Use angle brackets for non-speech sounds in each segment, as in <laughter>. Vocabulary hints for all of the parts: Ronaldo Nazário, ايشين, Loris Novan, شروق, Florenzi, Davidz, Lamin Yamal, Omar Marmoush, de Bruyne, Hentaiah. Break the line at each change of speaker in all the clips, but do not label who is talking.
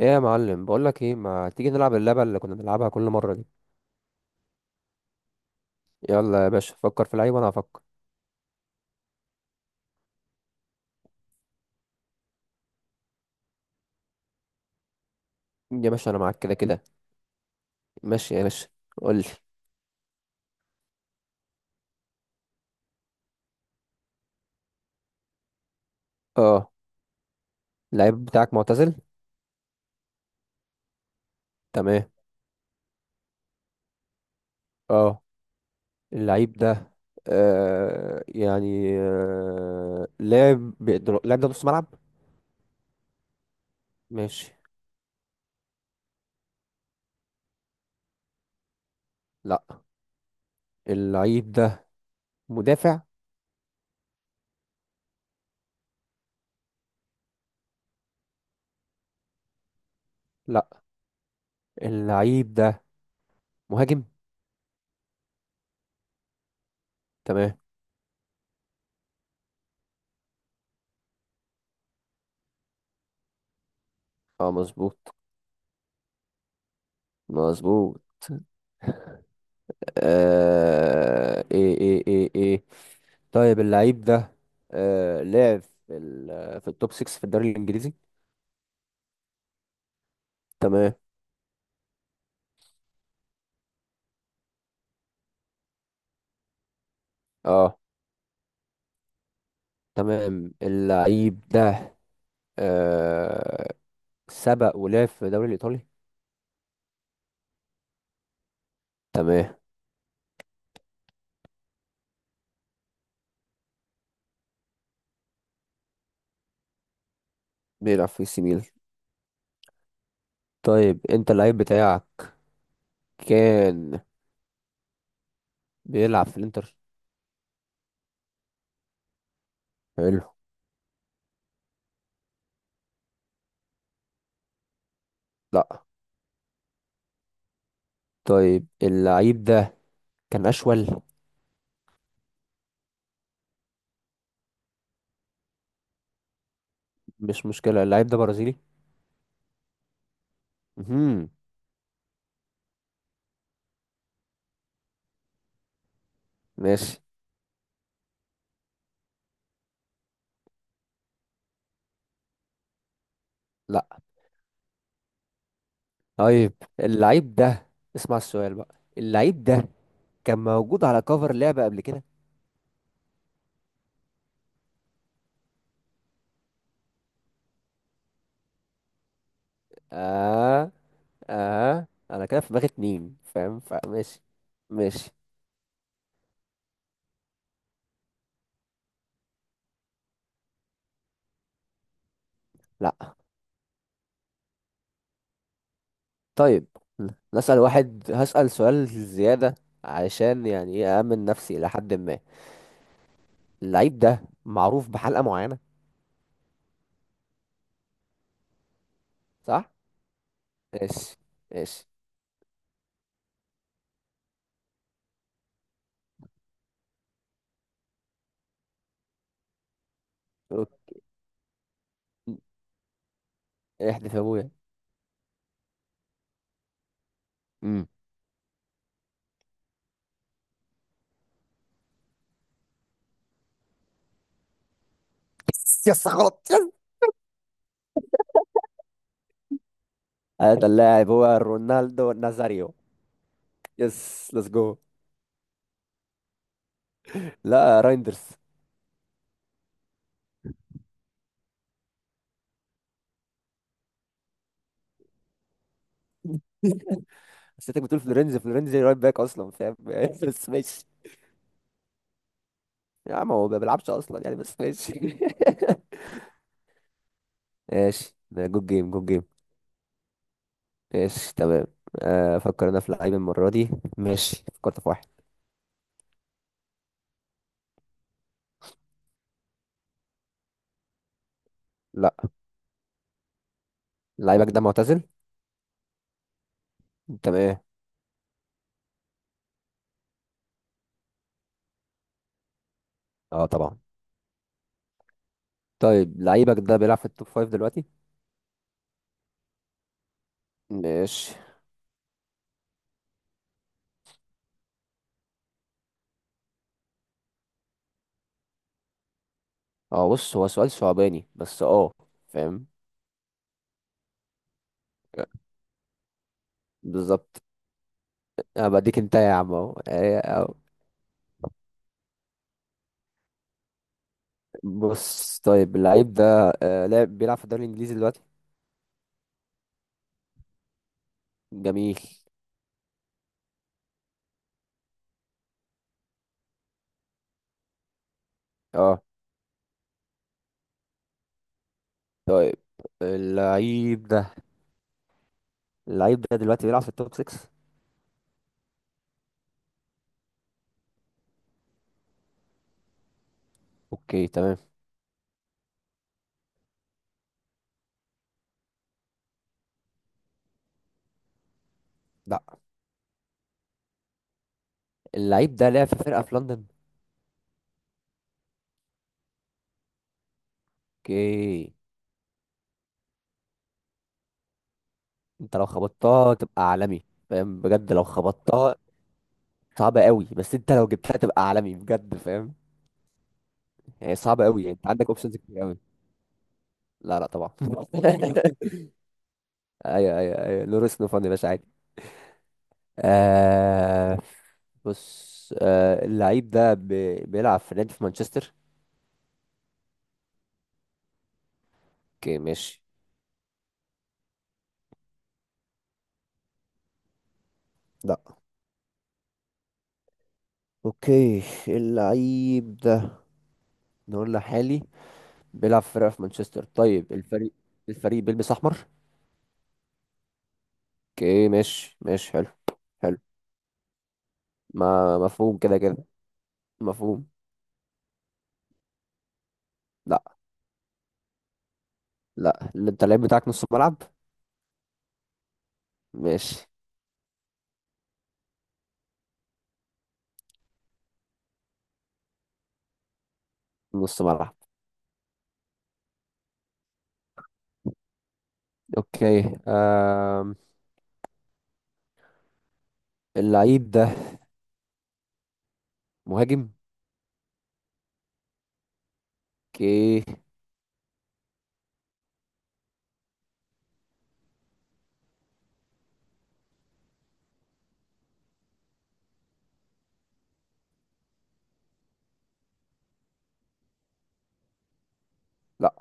ايه يا معلم، بقولك ايه؟ ما تيجي نلعب اللعبه اللي كنا بنلعبها كل مره دي؟ يلا يا باشا فكر في لعيب وانا هفكر. يا باشا انا معاك كده كده. ماشي يا باشا، قول لي. اه. اللعيب بتاعك معتزل. تمام. اه. اللعيب ده يعني لاعب اللاعب ده نص ملعب. ماشي. لا، اللعيب ده مدافع. لا، اللعيب ده مهاجم. تمام. اه مظبوط. مظبوط. ايه ايه ايه ايه. طيب اللعيب ده في التوب 6 في الدوري الانجليزي. تمام. اه. تمام. اللعيب ده آه سبق ولعب في الدوري الايطالي. تمام. بيلعب في سي ميلان. طيب، انت اللعيب بتاعك كان بيلعب في الانتر. حلو. لا. طيب اللعيب ده كان اشول. مش مشكلة، اللعيب ده برازيلي. مهم. ماشي. طيب اللعيب ده، اسمع السؤال بقى، اللعيب ده كان موجود على كفر لعبة قبل كده. اه. اه انا كده في دماغي اتنين فاهم، فماشي. ماشي. لا. طيب نسأل واحد، هسأل سؤال زيادة علشان يعني ايه أأمن نفسي إلى حد ما. اللعيب ده معروف بحلقة معينة، صح؟ ماشي. ماشي احذف يا ابويا. امم. يس. غلط. يس. هذا اللاعب هو رونالدو نازاريو. يس ليتس جو. لا، رايندرز. بس انت بتقول فلورنزي، فلورنزي رايت باك اصلا فاهم. <laughs> بس ماشي. يا عم هو ما بيلعبش اصلا يعني، بس ماشي. <laughs> ماشي ده جود جيم جود جيم. ماشي تمام. افكر انا في لعيب المره دي. ماشي، فكرت في واحد. لا. لعيبك ده معتزل. تمام. اه طبعا. طيب لعيبك ده بيلعب في التوب فايف دلوقتي. ماشي. اه بص هو سؤال صعباني، بس اه فاهم. بالظبط. انا بديك انت يا عم اهو. آه، آه. بص، طيب اللعيب ده آه، لعب بيلعب في الدوري الانجليزي دلوقتي. جميل. اه. طيب اللعيب ده دلوقتي بيلعب في التوب 6. اوكي تمام. لا. اللعيب ده لعب في فرقة في لندن. اوكي. انت لو خبطتها تبقى عالمي، فاهم، بجد لو خبطتها. صعبة قوي بس انت لو جبتها تبقى عالمي بجد فاهم. هي صعبة قوي، انت عندك اوبشنز كتير قوي. لا لا طبعا. <laughs> ايوه ايوه ايوه لوريس نوفان يا باشا عادي. آه. بص اللعيب ده بيلعب في نادي في مانشستر. اوكي ماشي. لا. اوكي. اللعيب ده، نقول لحالي، بيلعب في فرقة في مانشستر. طيب الفريق بيلبس احمر. اوكي ماشي. ماشي حلو. حلو. ما مفهوم كده كده، مفهوم. لا لا، اللي انت اللعيب بتاعك نص ملعب. ماشي نص ملعب. اوكي. آم. اللعيب ده مهاجم. اوكي. لا.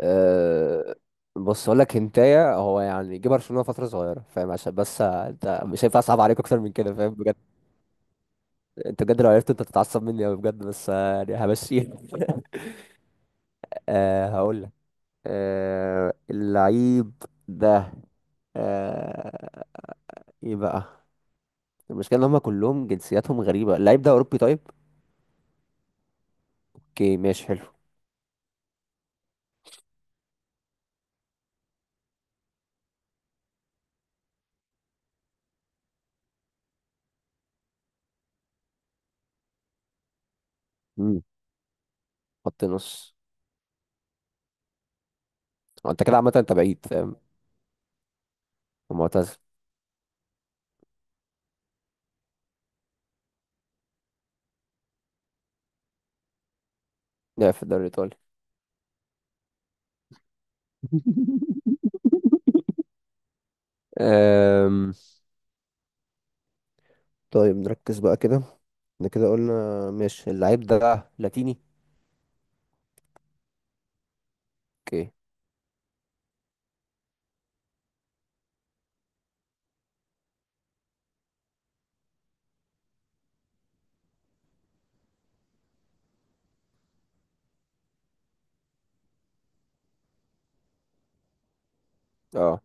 أه... بص اقول لك هنتايه، هو يعني جه برشلونة فترة صغيرة فاهم، عشان بس انت مش هينفع اصعب عليك اكتر من كده فاهم. انت بجد لو عرفت انت تتعصب مني قوي بجد، بس يعني همشيها. هقول لك. اللعيب ده أه ايه بقى. المشكلة ان هم كلهم جنسياتهم غريبة، اللعيب ده اوروبي طيب. اوكي ماشي حلو. امم خط نص. هو انت كده عامة، انت بعيد فاهم. ومعتزل. لعب في الدوري الايطالي. <laughs> أم... طيب نركز بقى كده. احنا كده قلنا. ماشي اللعيب ده لاتيني. اوكي. اه.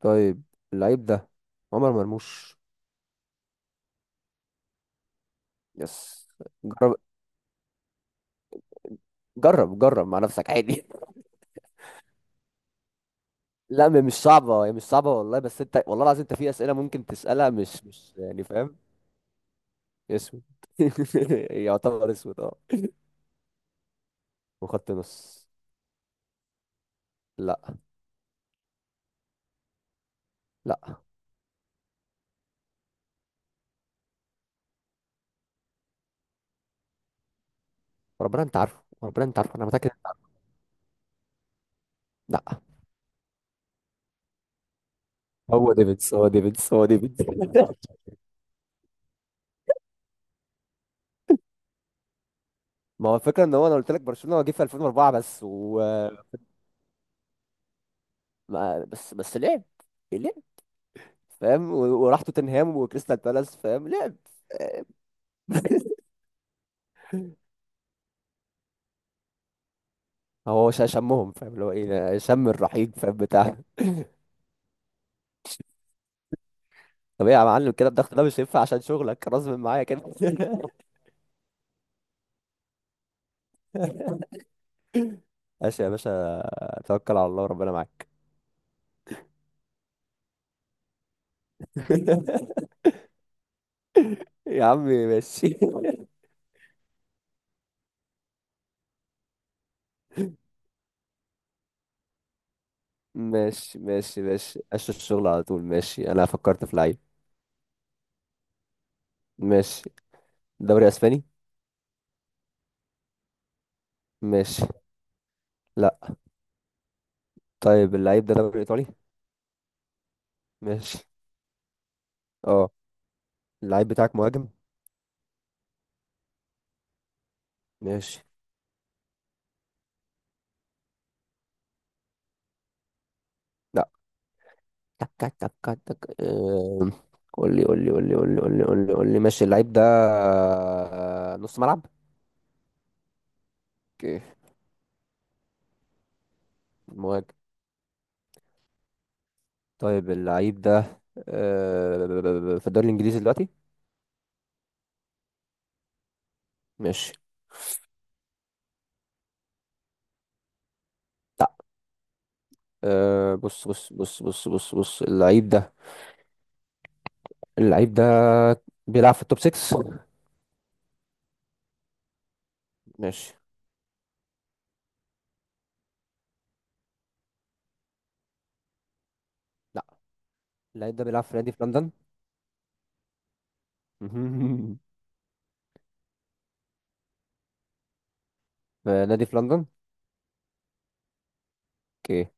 طيب اللعيب ده عمر مرموش. يس. جرب. جرب جرب مع نفسك عادي. <laughs> لا مش صعبة، هي مش صعبة والله، بس انت والله العظيم انت في اسئلة ممكن تسألها مش يعني فاهم. اسود. <laughs> يعتبر اسود اه. وخط نص. لا لا، ربنا انت عارفه، ربنا انت عارفه، انا متأكد. لا، هو ديفيدز، هو ديفيدز، هو ديفيدز. <laughs> ما هو الفكرة ان هو انا قلت لك برشلونة هو جه في 2004 بس، و بس لعب فاهم، وراح توتنهام وكريستال بالاس فاهم. لعب. <laughs> هو شمهم فاهم، اللي هو ايه، شم الرحيق فاهم بتاع. طب ايه يا معلم، كده الضغط ده مش هينفع عشان شغلك غصب معايا كده. <laughs> ماشي يا باشا، توكل على الله وربنا معاك. <laughs> يا عمي ماشي ماشي ماشي ماشي أشوف الشغل على طول. ماشي، أنا فكرت في لعيب. ماشي. دوري أسباني. ماشي. لأ. طيب اللعيب ده دوري إيطالي. ماشي. اه. اللعيب بتاعك مهاجم. ماشي. لأ. تك تك. تك تك. قول لي قول لي قول لي قول لي قول لي قول لي قول لي. ماشي، اللعيب ده نص ملعب. اوكي مهاجم. طيب اللعيب ده في الدوري الانجليزي دلوقتي. ماشي. لا. بص بص بص بص بص بص. اللعيب ده اللعيب ده بيلعب في التوب 6. ماشي. لا. اللعيب ده بيلعب في نادي في لندن. <laughs> في نادي في لندن. اوكي.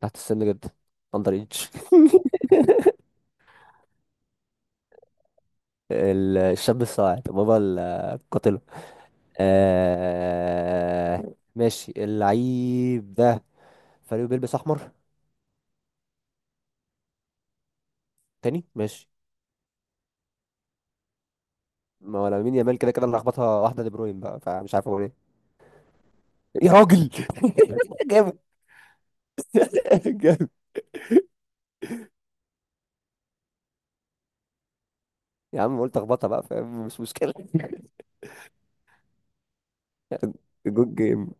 تحت السن جدا. اندر ايج. <laughs> الشاب الصاعد بابا. القاتله. آه، ماشي اللعيب ده فريقه بيلبس احمر. تاني ماشي. ما هو لامين يامال كده كده اللي لخبطها، واحده دي بروين بقى، فمش عارف اقول ايه. يا راجل. <laughs> جامد جامد. يا عم قلت اخبطها بقى فاهم، مش مشكله. <laughs> جود جيم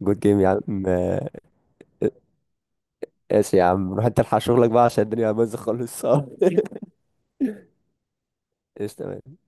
جود جيم يا عم. ماشي يا عم، روح انت الحق شغلك بقى عشان الدنيا بايظه خالص. <laughs> ايش تمام.